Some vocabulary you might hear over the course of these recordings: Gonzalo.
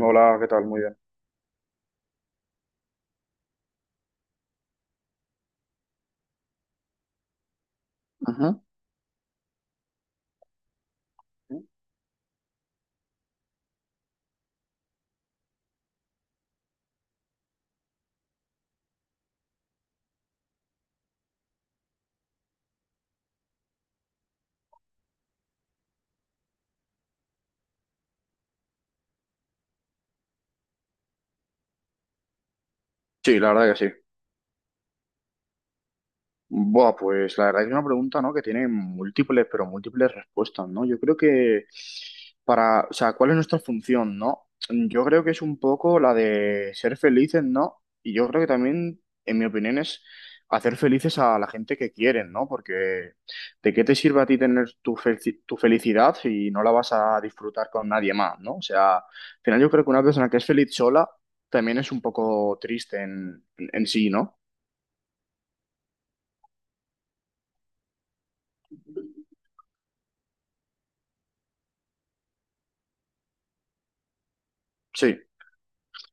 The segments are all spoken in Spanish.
Hola, ¿qué tal? Muy bien. Ajá. Sí, la verdad que sí. Buah, pues la verdad es una pregunta, ¿no? Que tiene múltiples, pero múltiples respuestas, ¿no? Yo creo que para, o sea, ¿cuál es nuestra función?, ¿no? Yo creo que es un poco la de ser felices, ¿no? Y yo creo que también, en mi opinión, es hacer felices a la gente que quieren, ¿no? Porque ¿de qué te sirve a ti tener tu felicidad si no la vas a disfrutar con nadie más, ¿no? O sea, al final yo creo que una persona que es feliz sola también es un poco triste en, en sí, ¿no? Sí.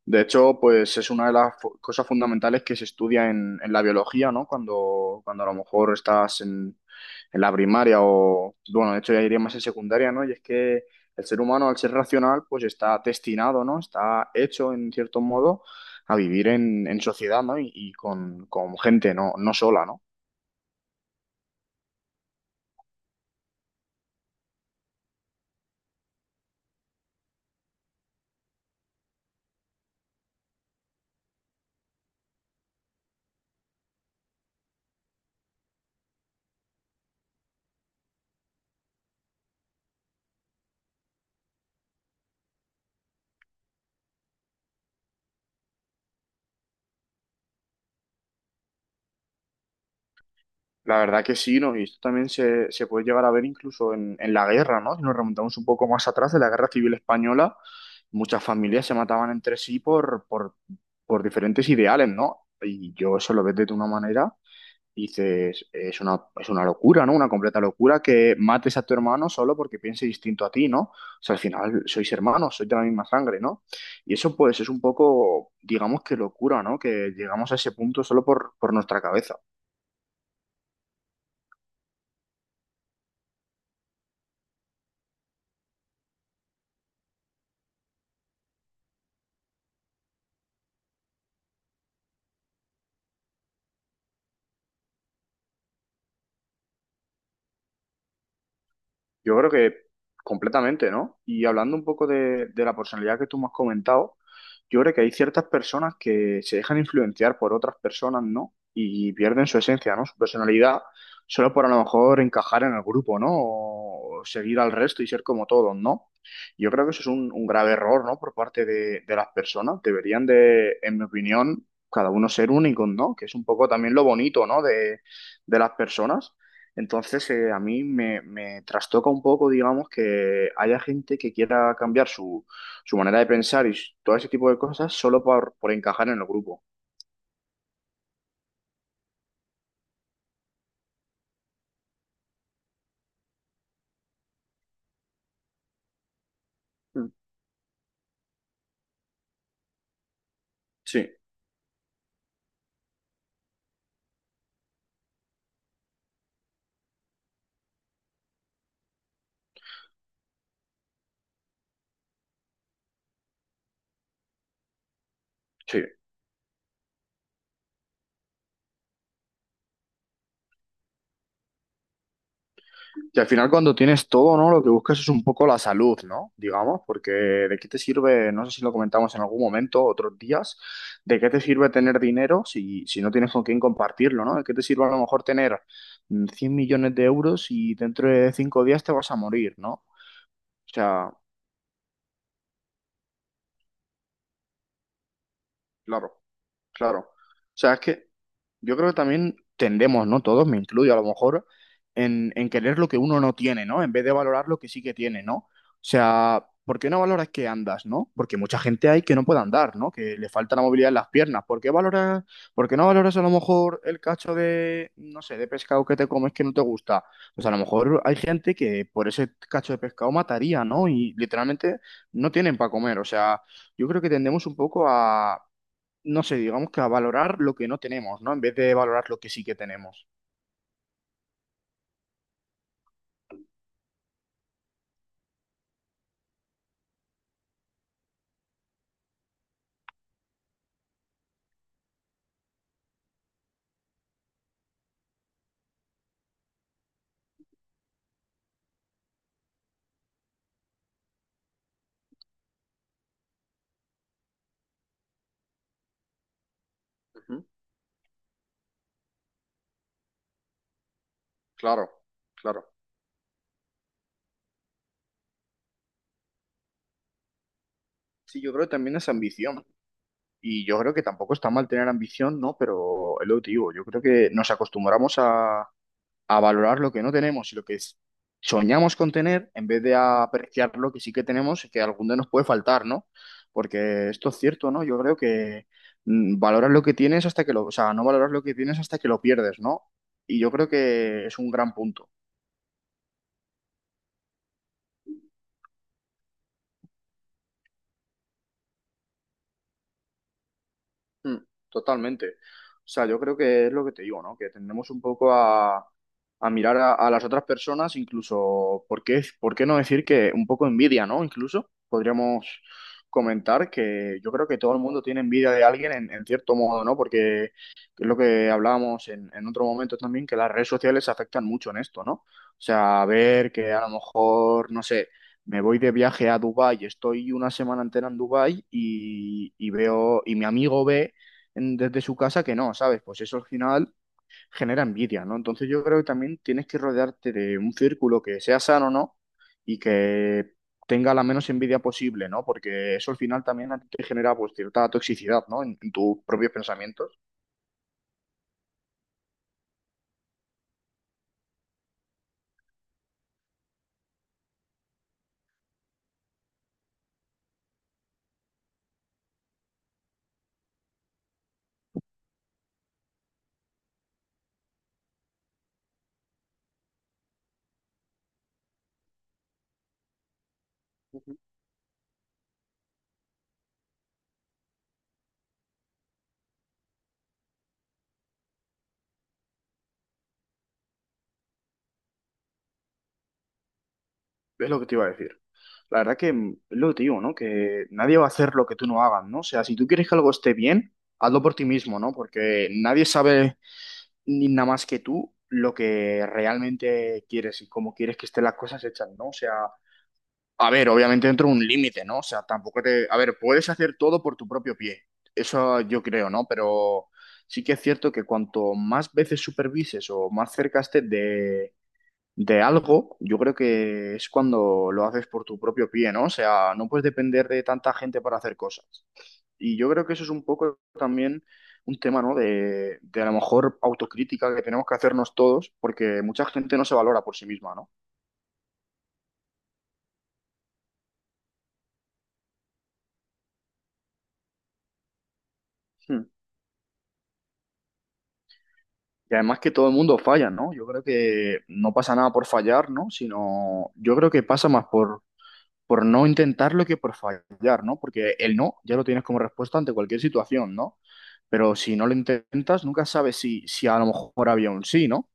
De hecho, pues es una de las cosas fundamentales que se estudia en la biología, ¿no? Cuando a lo mejor estás en la primaria o, bueno, de hecho ya iría más en secundaria, ¿no? Y es que el ser humano, al ser racional, pues está destinado, ¿no? Está hecho, en cierto modo, a vivir en sociedad, ¿no? Y con gente, ¿no? No sola, ¿no? La verdad que sí, ¿no? Y esto también se puede llegar a ver incluso en la guerra, ¿no? Si nos remontamos un poco más atrás, de la Guerra Civil Española, muchas familias se mataban entre sí por diferentes ideales, ¿no? Y yo eso lo ves de una manera y dices, es una locura, ¿no? Una completa locura que mates a tu hermano solo porque piense distinto a ti, ¿no? O sea, al final sois hermanos, sois de la misma sangre, ¿no? Y eso pues es un poco, digamos que locura, ¿no? Que llegamos a ese punto solo por nuestra cabeza. Yo creo que completamente, ¿no? Y hablando un poco de la personalidad que tú me has comentado, yo creo que hay ciertas personas que se dejan influenciar por otras personas, ¿no? Y pierden su esencia, ¿no? Su personalidad, solo por a lo mejor encajar en el grupo, ¿no? O seguir al resto y ser como todos, ¿no? Yo creo que eso es un grave error, ¿no? Por parte de las personas. Deberían de, en mi opinión, cada uno ser únicos, ¿no? Que es un poco también lo bonito, ¿no? De las personas. Entonces, a mí me, me trastoca un poco, digamos, que haya gente que quiera cambiar su, su manera de pensar y todo ese tipo de cosas solo por encajar en el grupo. Mm. Sí, sí. Que al final cuando tienes todo, ¿no? Lo que buscas es un poco la salud, ¿no? Digamos, porque ¿de qué te sirve, no sé si lo comentamos en algún momento, otros días, de qué te sirve tener dinero si, si no tienes con quién compartirlo, ¿no? ¿De qué te sirve a lo mejor tener 100 millones de euros y dentro de 5 días te vas a morir?, ¿no? O sea, claro. Claro. O sea, es que yo creo que también tendemos, ¿no? Todos, me incluyo a lo mejor, en querer lo que uno no tiene, ¿no? En vez de valorar lo que sí que tiene, ¿no? O sea, ¿por qué no valoras que andas?, ¿no? Porque mucha gente hay que no puede andar, ¿no? Que le falta la movilidad en las piernas. ¿Por qué no valoras a lo mejor el cacho de, no sé, de pescado que te comes que no te gusta? Pues a lo mejor hay gente que por ese cacho de pescado mataría, ¿no? Y literalmente no tienen para comer. O sea, yo creo que tendemos un poco a no sé, digamos que a valorar lo que no tenemos, ¿no? En vez de valorar lo que sí que tenemos. Ujú, claro, claro. Sí, yo creo que también es ambición. Y yo creo que tampoco está mal tener ambición, ¿no? Pero es lo que te digo, yo creo que nos acostumbramos a valorar lo que no tenemos y lo que soñamos con tener en vez de apreciar lo que sí que tenemos y que algún día nos puede faltar, ¿no? Porque esto es cierto, ¿no? Yo creo que valoras lo que tienes hasta que lo, o sea, no valoras lo que tienes hasta que lo pierdes, ¿no? Y yo creo que es un gran punto. Mm, Totalmente. O sea, yo creo que es lo que te digo, ¿no? Que tendemos un poco a mirar a las otras personas, incluso, ¿por qué no decir que un poco envidia?, ¿no? Incluso podríamos comentar que yo creo que todo el mundo tiene envidia de alguien en cierto modo, ¿no? Porque es lo que hablábamos en otro momento también, que las redes sociales afectan mucho en esto, ¿no? O sea, ver que a lo mejor, no sé. Me voy de viaje a Dubái, estoy una semana entera en Dubái y veo, y mi amigo ve desde su casa que no, ¿sabes? Pues eso al final genera envidia, ¿no? Entonces yo creo que también tienes que rodearte de un círculo que sea sano, ¿no? Y que tenga la menos envidia posible, ¿no? Porque eso al final también a ti te genera pues cierta toxicidad, ¿no? En tus propios pensamientos. Es lo que te iba a decir. La verdad que es lo que te digo, ¿no? Que nadie va a hacer lo que tú no hagas, ¿no? O sea, si tú quieres que algo esté bien, hazlo por ti mismo, ¿no? Porque nadie sabe ni nada más que tú lo que realmente quieres y cómo quieres que estén las cosas hechas, ¿no? O sea, a ver, obviamente dentro de un límite, ¿no? O sea, tampoco te. A ver, puedes hacer todo por tu propio pie, eso yo creo, ¿no? Pero sí que es cierto que cuanto más veces supervises o más cerca estés de algo, yo creo que es cuando lo haces por tu propio pie, ¿no? O sea, no puedes depender de tanta gente para hacer cosas. Y yo creo que eso es un poco también un tema, ¿no? De a lo mejor autocrítica que tenemos que hacernos todos, porque mucha gente no se valora por sí misma, ¿no? Hmm. Y además que todo el mundo falla, ¿no? Yo creo que no pasa nada por fallar, ¿no? Sino yo creo que pasa más por no intentarlo que por fallar, ¿no? Porque el no ya lo tienes como respuesta ante cualquier situación, ¿no? Pero si no lo intentas, nunca sabes si, si a lo mejor había un sí, ¿no?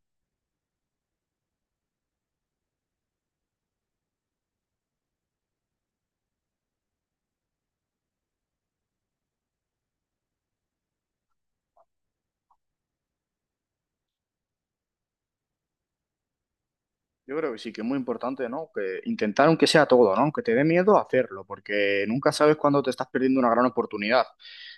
Yo creo que sí, que es muy importante, ¿no? Que intentar aunque sea todo, ¿no? Aunque te dé miedo hacerlo, porque nunca sabes cuándo te estás perdiendo una gran oportunidad.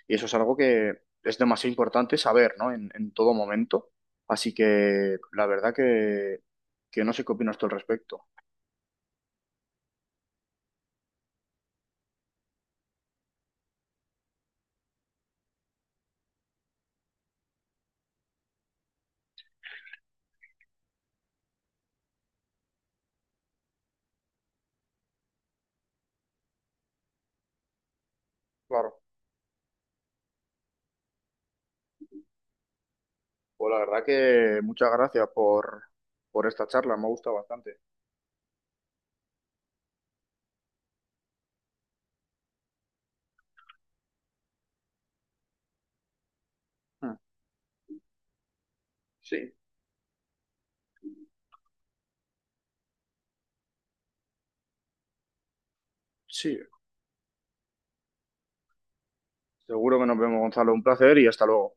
Y eso es algo que es demasiado importante saber, ¿no? En todo momento. Así que la verdad que no sé qué opinas tú al respecto. Claro. Pues la verdad que muchas gracias por esta charla, me ha gustado bastante. Mm. Sí, sí. Seguro que nos vemos, Gonzalo. Un placer y hasta luego.